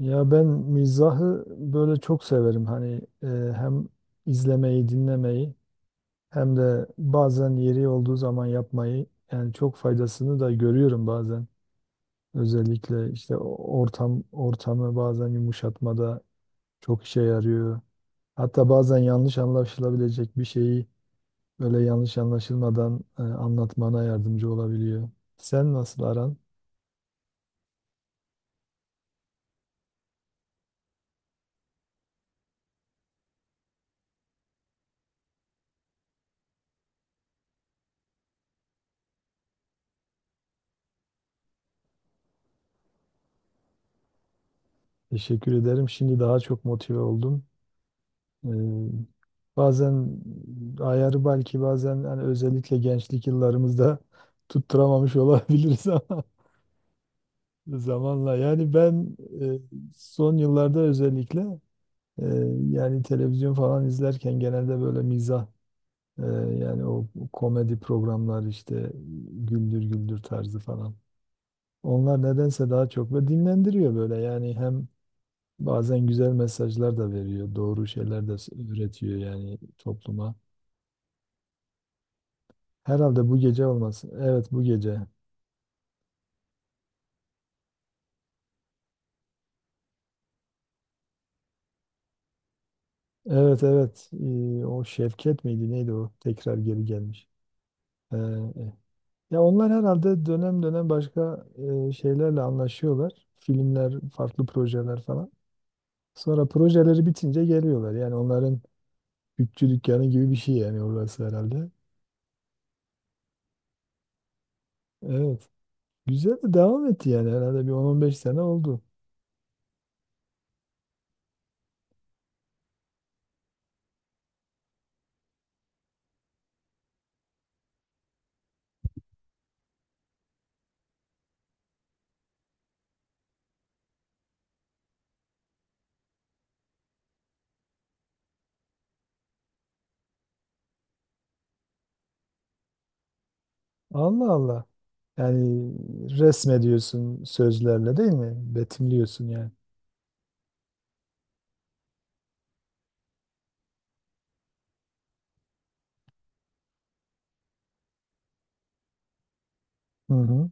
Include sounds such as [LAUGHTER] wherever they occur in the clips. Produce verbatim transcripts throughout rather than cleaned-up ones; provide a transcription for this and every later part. Ya ben mizahı böyle çok severim. Hani e, hem izlemeyi, dinlemeyi hem de bazen yeri olduğu zaman yapmayı yani çok faydasını da görüyorum bazen. Özellikle işte o- ortam ortamı bazen yumuşatmada çok işe yarıyor. Hatta bazen yanlış anlaşılabilecek bir şeyi böyle yanlış anlaşılmadan e, anlatmana yardımcı olabiliyor. Sen nasıl aran? Teşekkür ederim. Şimdi daha çok motive oldum. Ee, bazen ayarı belki bazen hani özellikle gençlik yıllarımızda tutturamamış olabiliriz [LAUGHS] ama zamanla yani ben e, son yıllarda özellikle, e, yani televizyon falan izlerken genelde böyle mizah, e, yani o komedi programlar işte Güldür Güldür tarzı falan. Onlar nedense daha çok ve dinlendiriyor böyle yani hem bazen güzel mesajlar da veriyor, doğru şeyler de üretiyor yani topluma. Herhalde bu gece olmasın. Evet bu gece. Evet, evet. Ee, o Şevket miydi neydi o? Tekrar geri gelmiş. Ee, ya onlar herhalde dönem dönem başka e, şeylerle anlaşıyorlar. Filmler, farklı projeler falan. Sonra projeleri bitince geliyorlar. Yani onların bütçü dükkanı gibi bir şey yani orası herhalde. Evet. Güzel de devam etti yani herhalde bir on on beş sene oldu. Allah Allah. Yani resmediyorsun sözlerle değil mi? Betimliyorsun yani. Hı hı.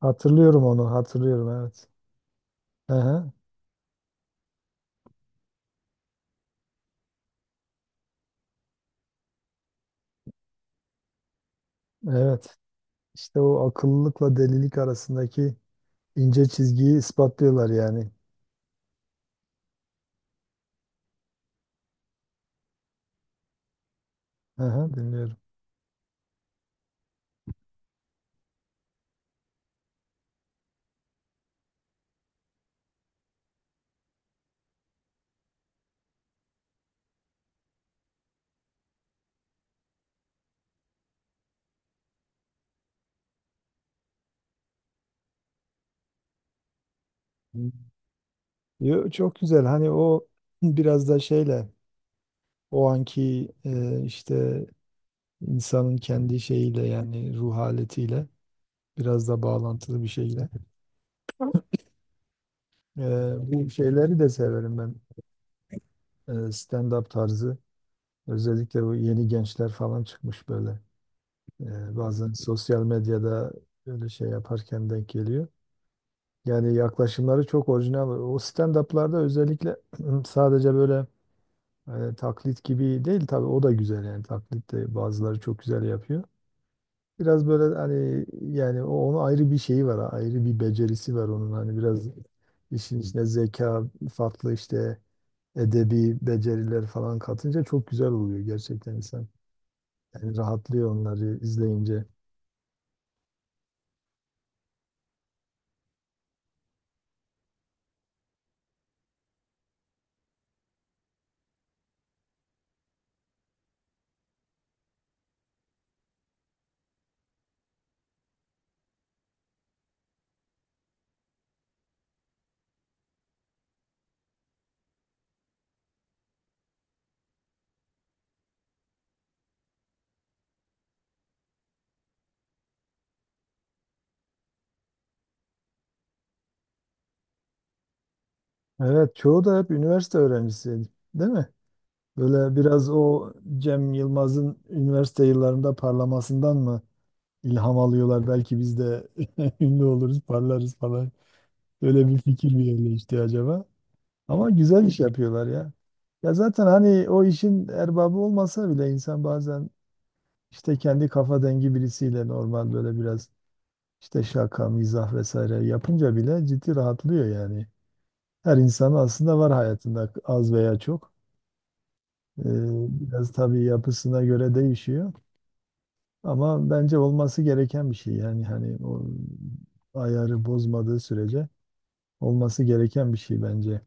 Hatırlıyorum onu, hatırlıyorum evet. Aha, evet. İşte o akıllılıkla delilik arasındaki ince çizgiyi ispatlıyorlar yani. Aha, dinliyorum. Hı. Yo, çok güzel. Hani o [CLEARS THROAT] biraz da şeyle o anki, e, işte insanın kendi şeyiyle yani ruh haletiyle biraz da bağlantılı bir şeyle. E, bu şeyleri de severim ben. E, stand-up tarzı. Özellikle bu yeni gençler falan çıkmış böyle. Ee, bazen sosyal medyada öyle şey yaparken denk geliyor. Yani yaklaşımları çok orijinal. O stand-up'larda özellikle [CLEARS THROAT] sadece böyle, e, taklit gibi değil tabii o da güzel yani taklit de bazıları çok güzel yapıyor. Biraz böyle hani yani o onun ayrı bir şeyi var, ayrı bir becerisi var onun hani biraz işin içine zeka, farklı işte edebi beceriler falan katınca çok güzel oluyor gerçekten insan. Yani rahatlıyor onları izleyince. Evet, çoğu da hep üniversite öğrencisiydi, değil mi? Böyle biraz o Cem Yılmaz'ın üniversite yıllarında parlamasından mı ilham alıyorlar? Belki biz de [LAUGHS] ünlü oluruz, parlarız falan. Böyle bir fikir mi yerleşti acaba? Ama güzel iş yapıyorlar ya. Ya zaten hani o işin erbabı olmasa bile insan bazen işte kendi kafa dengi birisiyle normal böyle biraz işte şaka, mizah vesaire yapınca bile ciddi rahatlıyor yani. Her insanın aslında var hayatında az veya çok. Ee, Biraz tabii yapısına göre değişiyor. Ama bence olması gereken bir şey. Yani hani o ayarı bozmadığı sürece olması gereken bir şey bence.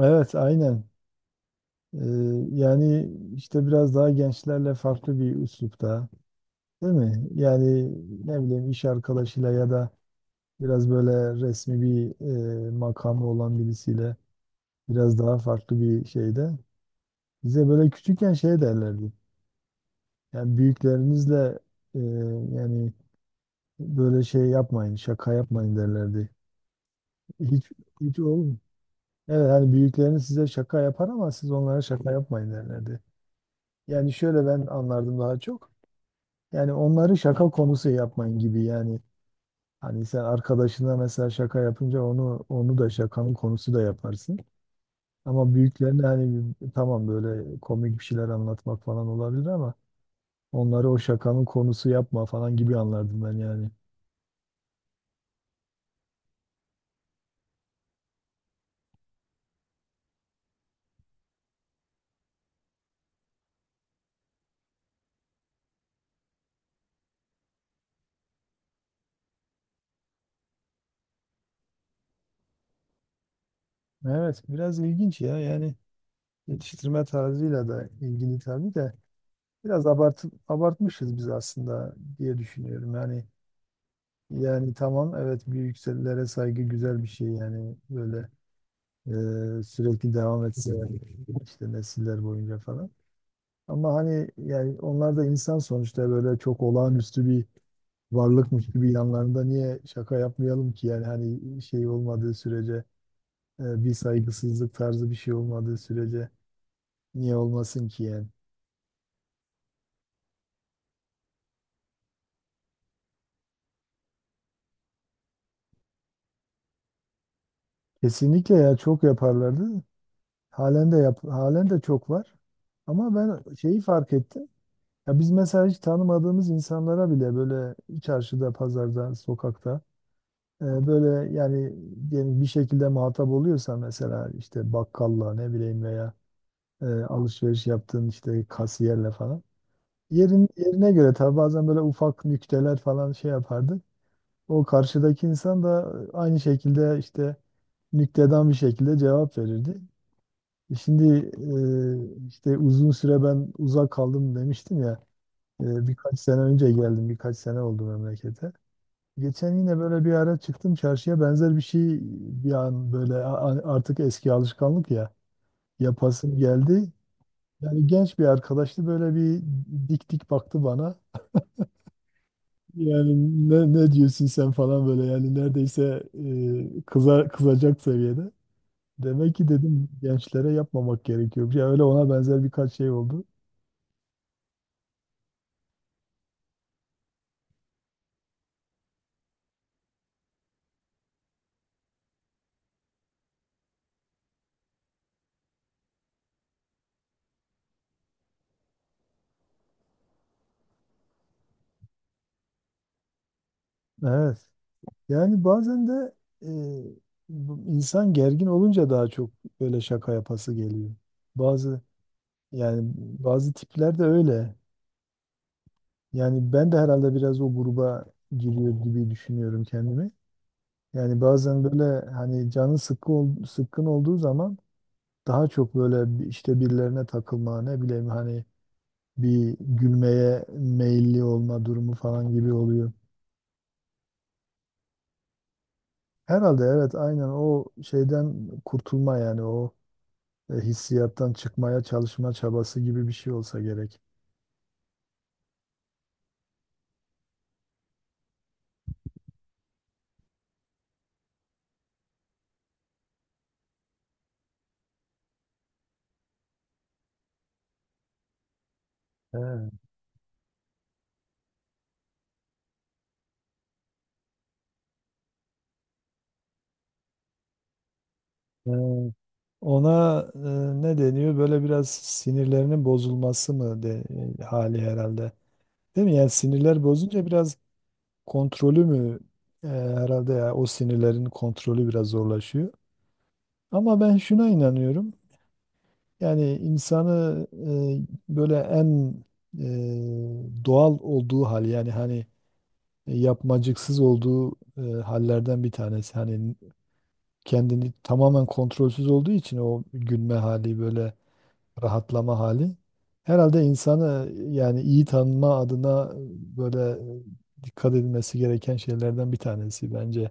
Evet, aynen. Ee, yani işte biraz daha gençlerle farklı bir üslupta, değil mi? Yani ne bileyim iş arkadaşıyla ya da biraz böyle resmi bir, e, makamı olan birisiyle biraz daha farklı bir şeyde. Bize böyle küçükken şey derlerdi. Yani büyüklerinizle, e, yani böyle şey yapmayın, şaka yapmayın derlerdi. Hiç hiç olmuyor. Evet hani büyükleriniz size şaka yapar ama siz onlara şaka yapmayın derlerdi. Yani şöyle ben anlardım daha çok. Yani onları şaka konusu yapmayın gibi yani. Hani sen arkadaşına mesela şaka yapınca onu onu da şakanın konusu da yaparsın. Ama büyüklerine hani tamam böyle komik bir şeyler anlatmak falan olabilir ama onları o şakanın konusu yapma falan gibi anlardım ben yani. Evet biraz ilginç ya yani. Yetiştirme tarzıyla da ilgili tabii de biraz abart abartmışız biz aslında diye düşünüyorum. Yani yani tamam evet bir yükselilere saygı güzel bir şey yani böyle, e, sürekli devam etse [LAUGHS] işte nesiller boyunca falan. Ama hani yani onlar da insan sonuçta böyle çok olağanüstü bir varlıkmış gibi yanlarında niye şaka yapmayalım ki yani hani şey olmadığı sürece, e, bir saygısızlık tarzı bir şey olmadığı sürece niye olmasın ki yani. Kesinlikle ya çok yaparlardı. Halen de yap, halen de çok var. Ama ben şeyi fark ettim. Ya biz mesela hiç tanımadığımız insanlara bile böyle çarşıda, pazarda, sokakta, e, böyle yani diyelim bir şekilde muhatap oluyorsa mesela işte bakkalla ne bileyim veya e, alışveriş yaptığın işte kasiyerle falan. Yerin, yerine göre tabii bazen böyle ufak nükteler falan şey yapardı. O karşıdaki insan da aynı şekilde işte nüktedan bir şekilde cevap verirdi. E, Şimdi e, işte uzun süre ben uzak kaldım demiştim ya. E, birkaç sene önce geldim, birkaç sene oldu memlekete. Geçen yine böyle bir ara çıktım çarşıya benzer bir şey, bir an böyle a- a- artık eski alışkanlık ya yapasım geldi. Yani genç bir arkadaştı böyle bir dik dik baktı bana. Yani ne, ne diyorsun sen falan böyle yani neredeyse, e, kıza, kızacak seviyede. Demek ki dedim gençlere yapmamak gerekiyor. Ya öyle ona benzer birkaç şey oldu. Evet. Yani bazen de, e, bu insan gergin olunca daha çok böyle şaka yapası geliyor. Bazı yani bazı tipler de öyle. Yani ben de herhalde biraz o gruba giriyor gibi düşünüyorum kendimi. Yani bazen böyle hani canı sıkkı ol- sıkkın olduğu zaman daha çok böyle bir- işte birilerine takılma ne bileyim hani bir gülmeye meyilli olma durumu falan gibi oluyor. Herhalde evet aynen o şeyden kurtulma yani o e, hissiyattan çıkmaya çalışma çabası gibi bir şey olsa gerek. He. Ee, ona e, ne deniyor? Böyle biraz sinirlerinin bozulması mı de, e, hali herhalde. Değil mi? Yani sinirler bozunca biraz kontrolü mü, e, herhalde ya o sinirlerin kontrolü biraz zorlaşıyor. Ama ben şuna inanıyorum. Yani insanı, e, böyle en, e, doğal olduğu hal yani hani yapmacıksız olduğu e, hallerden bir tanesi. Hani kendini tamamen kontrolsüz olduğu için o gülme hali böyle rahatlama hali herhalde insanı yani iyi tanıma adına, e, böyle e, dikkat edilmesi gereken şeylerden bir tanesi bence.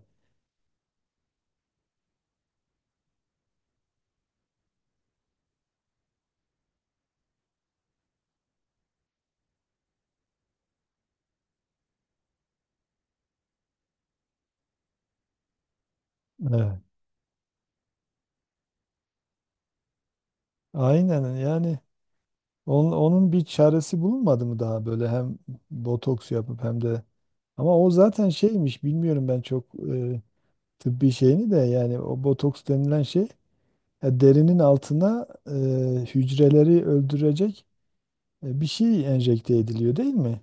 Evet. Aynen yani onun, onun bir çaresi bulunmadı mı daha böyle hem botoks yapıp hem de ama o zaten şeymiş bilmiyorum ben çok, e, tıbbi şeyini de yani o botoks denilen şey e, derinin altına e, hücreleri öldürecek E, bir şey enjekte ediliyor değil mi?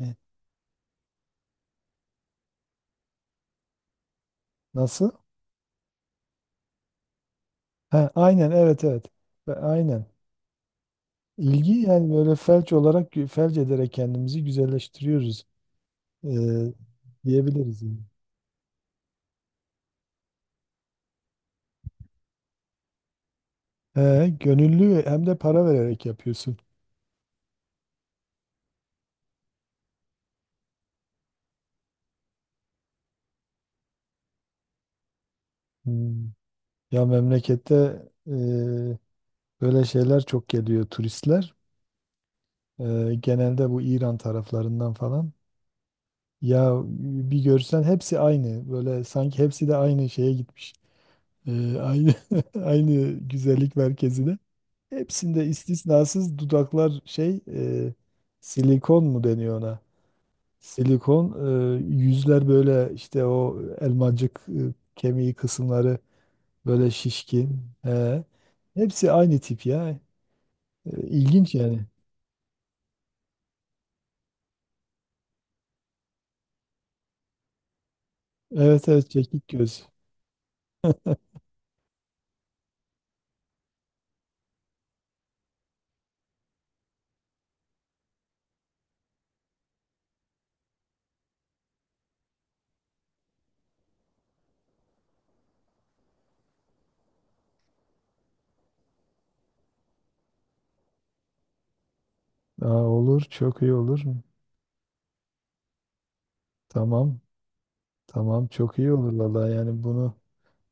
E, Nasıl? Ha, aynen evet, evet. Ve aynen. İlgi yani böyle felç olarak gü- felç ederek kendimizi güzelleştiriyoruz, e, diyebiliriz yani. He, gönüllü ve hem de para vererek yapıyorsun. Hmm. Ya memlekette, e, böyle şeyler çok geliyor turistler. E, genelde bu İran taraflarından falan. Ya bir görsen hepsi aynı. Böyle sanki hepsi de aynı şeye gitmiş. Ee, aynı [LAUGHS] aynı güzellik merkezine. Hepsinde istisnasız dudaklar şey, e, silikon mu deniyor ona? Silikon, e, yüzler böyle işte o elmacık e, kemiği kısımları böyle şişkin. He. Hepsi aynı tip ya. E, İlginç yani. Evet, evet çekik göz. Aa, olur çok iyi olur. Tamam, tamam çok iyi olur vallahi yani bunu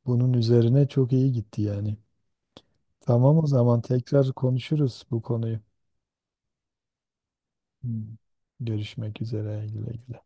bunun üzerine çok iyi gitti yani. Tamam o zaman tekrar konuşuruz bu konuyu. Hmm. Görüşmek üzere. Güle güle.